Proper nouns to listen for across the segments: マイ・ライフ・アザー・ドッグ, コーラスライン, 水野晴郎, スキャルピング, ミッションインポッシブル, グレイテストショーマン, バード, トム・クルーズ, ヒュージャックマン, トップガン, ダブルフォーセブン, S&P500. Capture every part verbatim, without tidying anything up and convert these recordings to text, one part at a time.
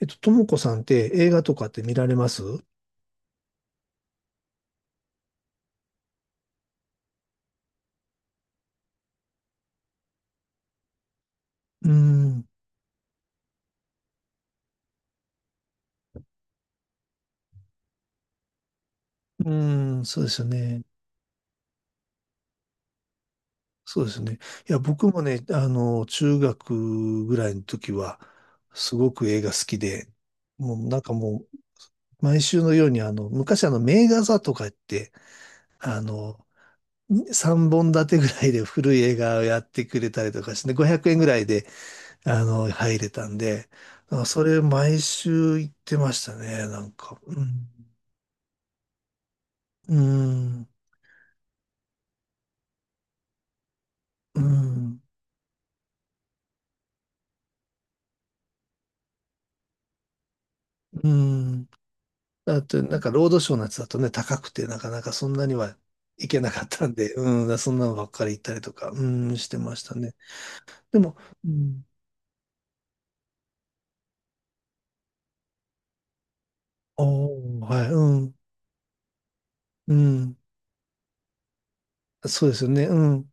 えっと、ともこさんって映画とかって見られますうーん、うーん、そうですよね。そうですよね。いや、僕もね、あの、中学ぐらいの時は、すごく映画好きで、もうなんかもう、毎週のように、あの、昔あの、名画座とかって、あの、さんぼん立てぐらいで古い映画をやってくれたりとかして、ごひゃくえんぐらいで、あの、入れたんで、あそれ毎週行ってましたね、なんか。うん。うーん。うーん。うん。あと、なんか、ロードショーのやつだとね、高くて、なかなかそんなには行けなかったんで、うん、そんなのばっかり行ったりとか、うん、してましたね。でも、うん、おー、はい、うん、うん、そうですよね、うん、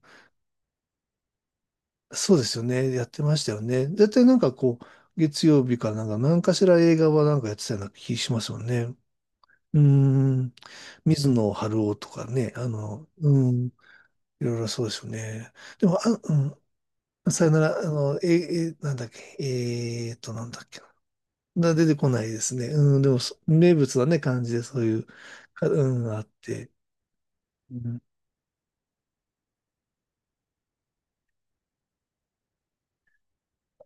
そうですよね、やってましたよね。絶対なんかこう、月曜日かなんか、何かしら映画はなんかやってたような気しますよね。うん、水野晴郎とかね、あの、うん、いろいろそうですよね。でも、あ、うん、さよなら、あの、え、え、なんだっけ、えーっと、なんだっけな。な出てこないですね。うん、でもそ、名物はね、感じでそういう、かうん、あって。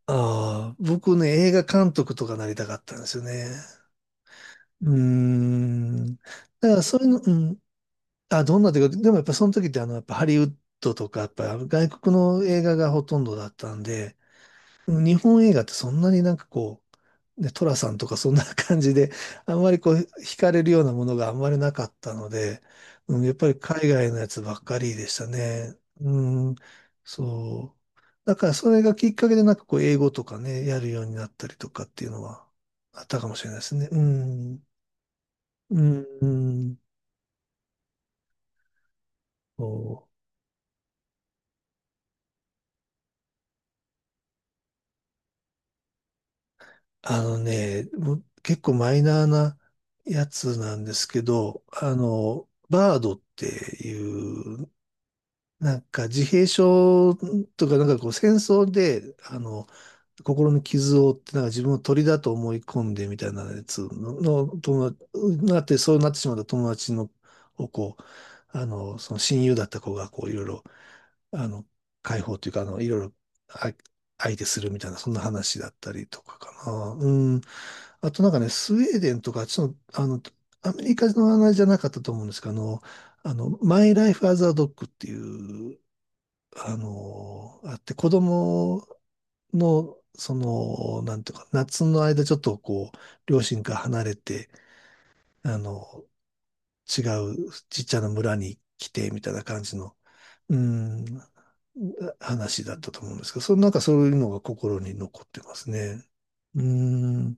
ああー、僕ね、映画監督とかなりたかったんですよね。うーん。だからそういうの、うん。あ、どんなというか、でもやっぱその時ってあの、やっぱハリウッドとか、やっぱ外国の映画がほとんどだったんで、日本映画ってそんなになんかこう、で、トラさんとかそんな感じで、あんまりこう、惹かれるようなものがあんまりなかったので、うん、やっぱり海外のやつばっかりでしたね。うん、そう。だからそれがきっかけでなんかこう、英語とかね、やるようになったりとかっていうのはあったかもしれないですね。うん、うん、うんそうあのね、もう結構マイナーなやつなんですけど、あの、バードっていうなんか自閉症とか、なんかこう戦争で、あの、心の傷を負って、なんか自分を鳥だと思い込んでみたいなやつの、の友達、なって、そうなってしまった友達の、をこう、あの、その親友だった子がこういろいろ、あの、解放というか、あの、いろいろ、あ、相手するみたいな、そんな話だったりとかかな。うん。あとなんかね、スウェーデンとか、ちょっと、あの、アメリカの話じゃなかったと思うんですけど、あの、あの、マイ・ライフ・アザー・ドッグっていうあのあって、子供の、その、なんていうか、夏の間ちょっとこう、両親から離れて、あの、違うちっちゃな村に来て、みたいな感じの、うん、話だったと思うんですけど、そのなんかそういうのが心に残ってますね。うん、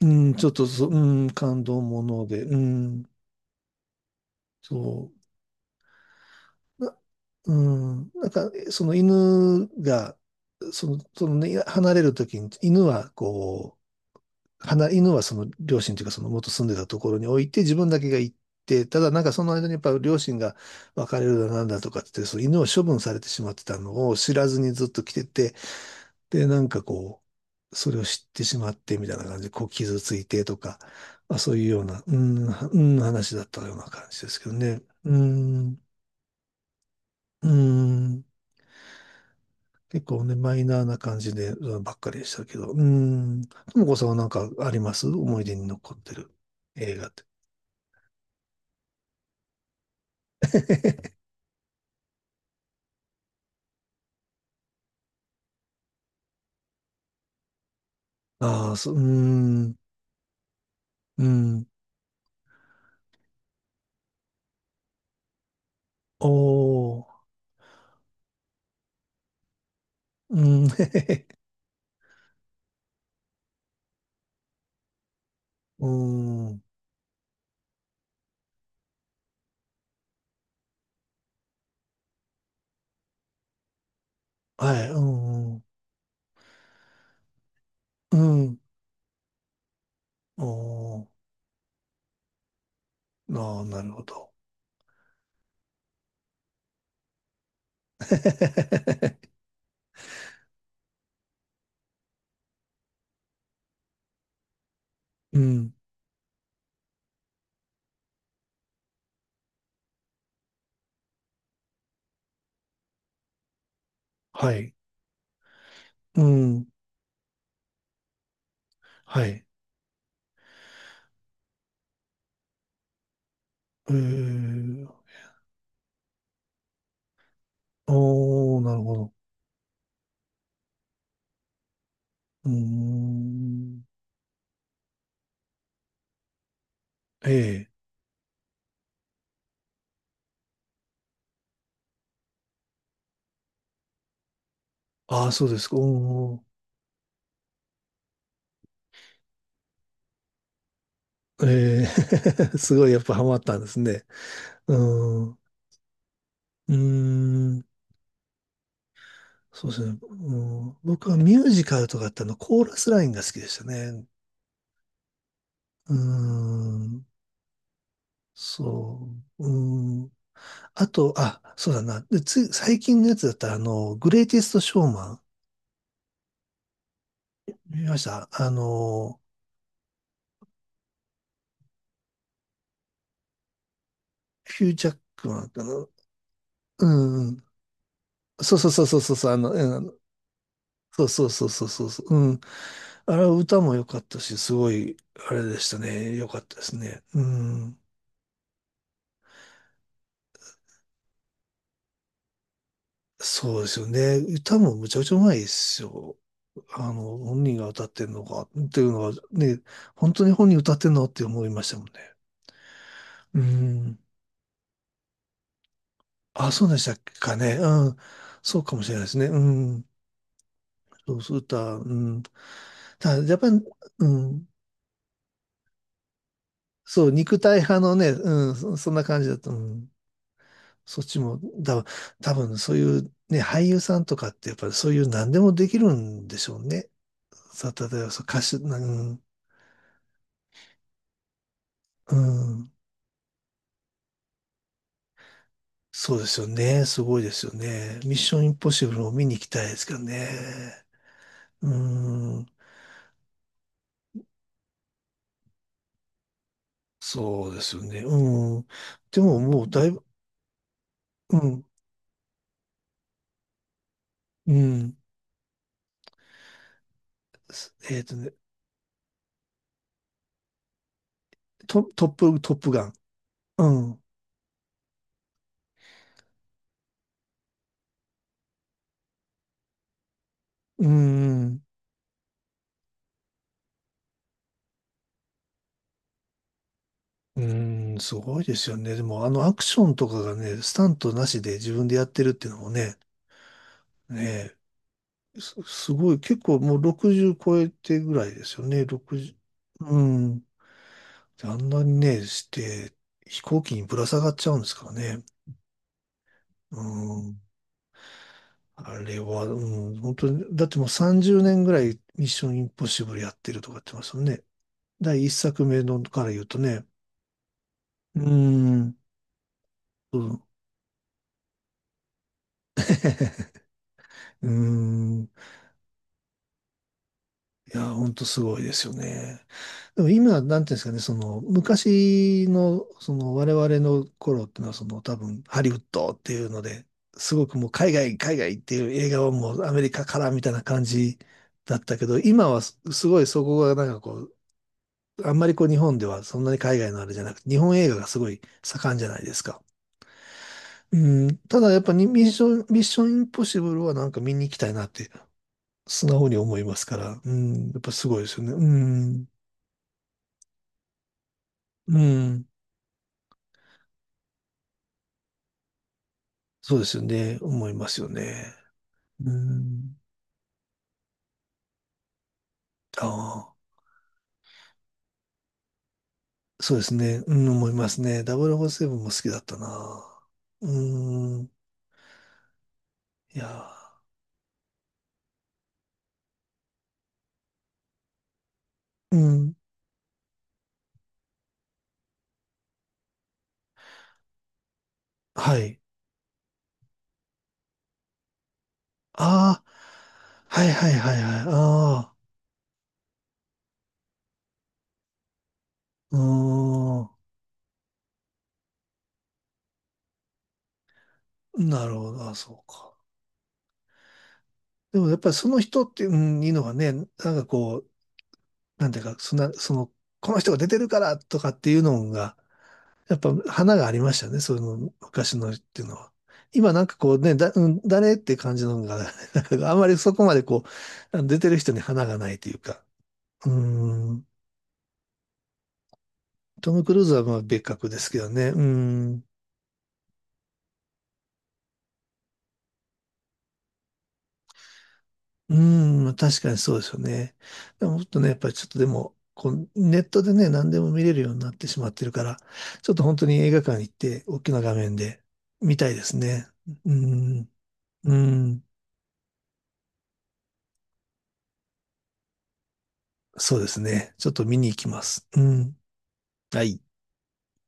うん、ちょっとそ、うん、感動もので、うん、そう。うん、なんか、その犬が、その、そのね、離れるときに、犬はこう、離犬はその両親というか、その元住んでたところに置いて、自分だけが行って、ただなんかその間にやっぱ両親が別れるだなんだとかってその犬を処分されてしまってたのを知らずにずっと来てて、で、なんかこう、それを知ってしまってみたいな感じで、こう傷ついてとか、まあ、そういうような、うん、うん、話だったような感じですけどね。うん、うん。結構ね、マイナーな感じで、うんばっかりでしたけど。うーん。ともこさんはなんかあります思い出に残ってる映画って。ああ、そう、うーん。うん。おー。うん。へへへ。うーん。はい。うん。うん。おー。ああ、なるほど。へへへへうん。はい。うん。はい。えー。おー、なるほど。うーん。ええ。ああ、そうですか。おー。えー すごいやっぱハマったんですね。うん。うーん。そうですね。うん、僕はミュージカルとかってあのコーラスラインが好きでしたね。うーん。そう。うーん。あと、あ、そうだな。で、つい、最近のやつだったら、あの、グレイテストショーマン。見ましたあの、ヒュージャックマンかな。うんうん。そうそうそうそうそうそう。あの、うん、そうそうそうそうそうそう。うんあれは歌も良かったし、すごい、あれでしたね。良かったですね。うん。そうですよね。歌もむちゃくちゃうまいですよ。あの、本人が歌ってんのか、っていうのはね、本当に本人歌ってんのって思いましたもんね。うん。あ、そうでしたかね。うん。そうかもしれないですね。うん。そうそう、歌、うん。ただ、やっぱり、うん。そう、肉体派のね、うん、そ、そんな感じだった。うん。そっちも、だ、多分そういうね、俳優さんとかってやっぱりそういう何でもできるんでしょうね。さ、例えばそう歌手、うん、うん、そうですよね。すごいですよね。ミッションインポッシブルを見に行きたいですけどね。うん、そうですよね。うん。でももうだいぶ、うん、うん。えっとね、ト、トップ、トップガン。うん、うん。うん、すごいですよね。でも、あのアクションとかがね、スタントなしで自分でやってるっていうのもね、ねえ、す、すごい、結構もうろくじゅう超えてぐらいですよね、ろくじゅう、うん。であんなにね、して、飛行機にぶら下がっちゃうんですからね。うん。あれは、うん、本当に、だってもうさんじゅうねんぐらいミッションインポッシブルやってるとか言ってますよね。第一作目のから言うとね。うん。うん。うんいや、ほんとすごいですよね。でも今、なんていうんですかね、その、昔の、その、我々の頃っていうのは、その、多分、ハリウッドっていうので、すごくもう、海外、海外っていう映画はもう、アメリカからみたいな感じだったけど、今はす、すごいそこが、なんかこう、あんまりこう、日本ではそんなに海外のあれじゃなくて、日本映画がすごい盛んじゃないですか。うん、ただ、やっぱに、ミッション、ミッションインポッシブルはなんか見に行きたいなって、素直に思いますから、うん、やっぱすごいですよね。うん。うん。そうですよね。思いますよね。うん。ああ、そうですね。うん、思いますね。ダブルフォーセブンも好きだったな。うん。いやー、うん。はい。ああ、はいはいはいはい。ああ、うーん。なるほど。あ、そうか。でもやっぱりその人って、うん、いいのがね、なんかこう、なんていうか、そんな、その、この人が出てるからとかっていうのが、やっぱ花がありましたね、そういうの、昔のっていうのは。今なんかこうね、だ、うん、誰って感じのが、なんかあんまりそこまでこう、あの出てる人に花がないというか。うん。トム・クルーズはまあ別格ですけどね。うん。うん、まあ確かにそうですよね。でももっとね、やっぱりちょっとでも、こう、ネットでね、何でも見れるようになってしまってるから、ちょっと本当に映画館行って、大きな画面で見たいですね。うん。うん。そうですね。ちょっと見に行きます。うん。はい。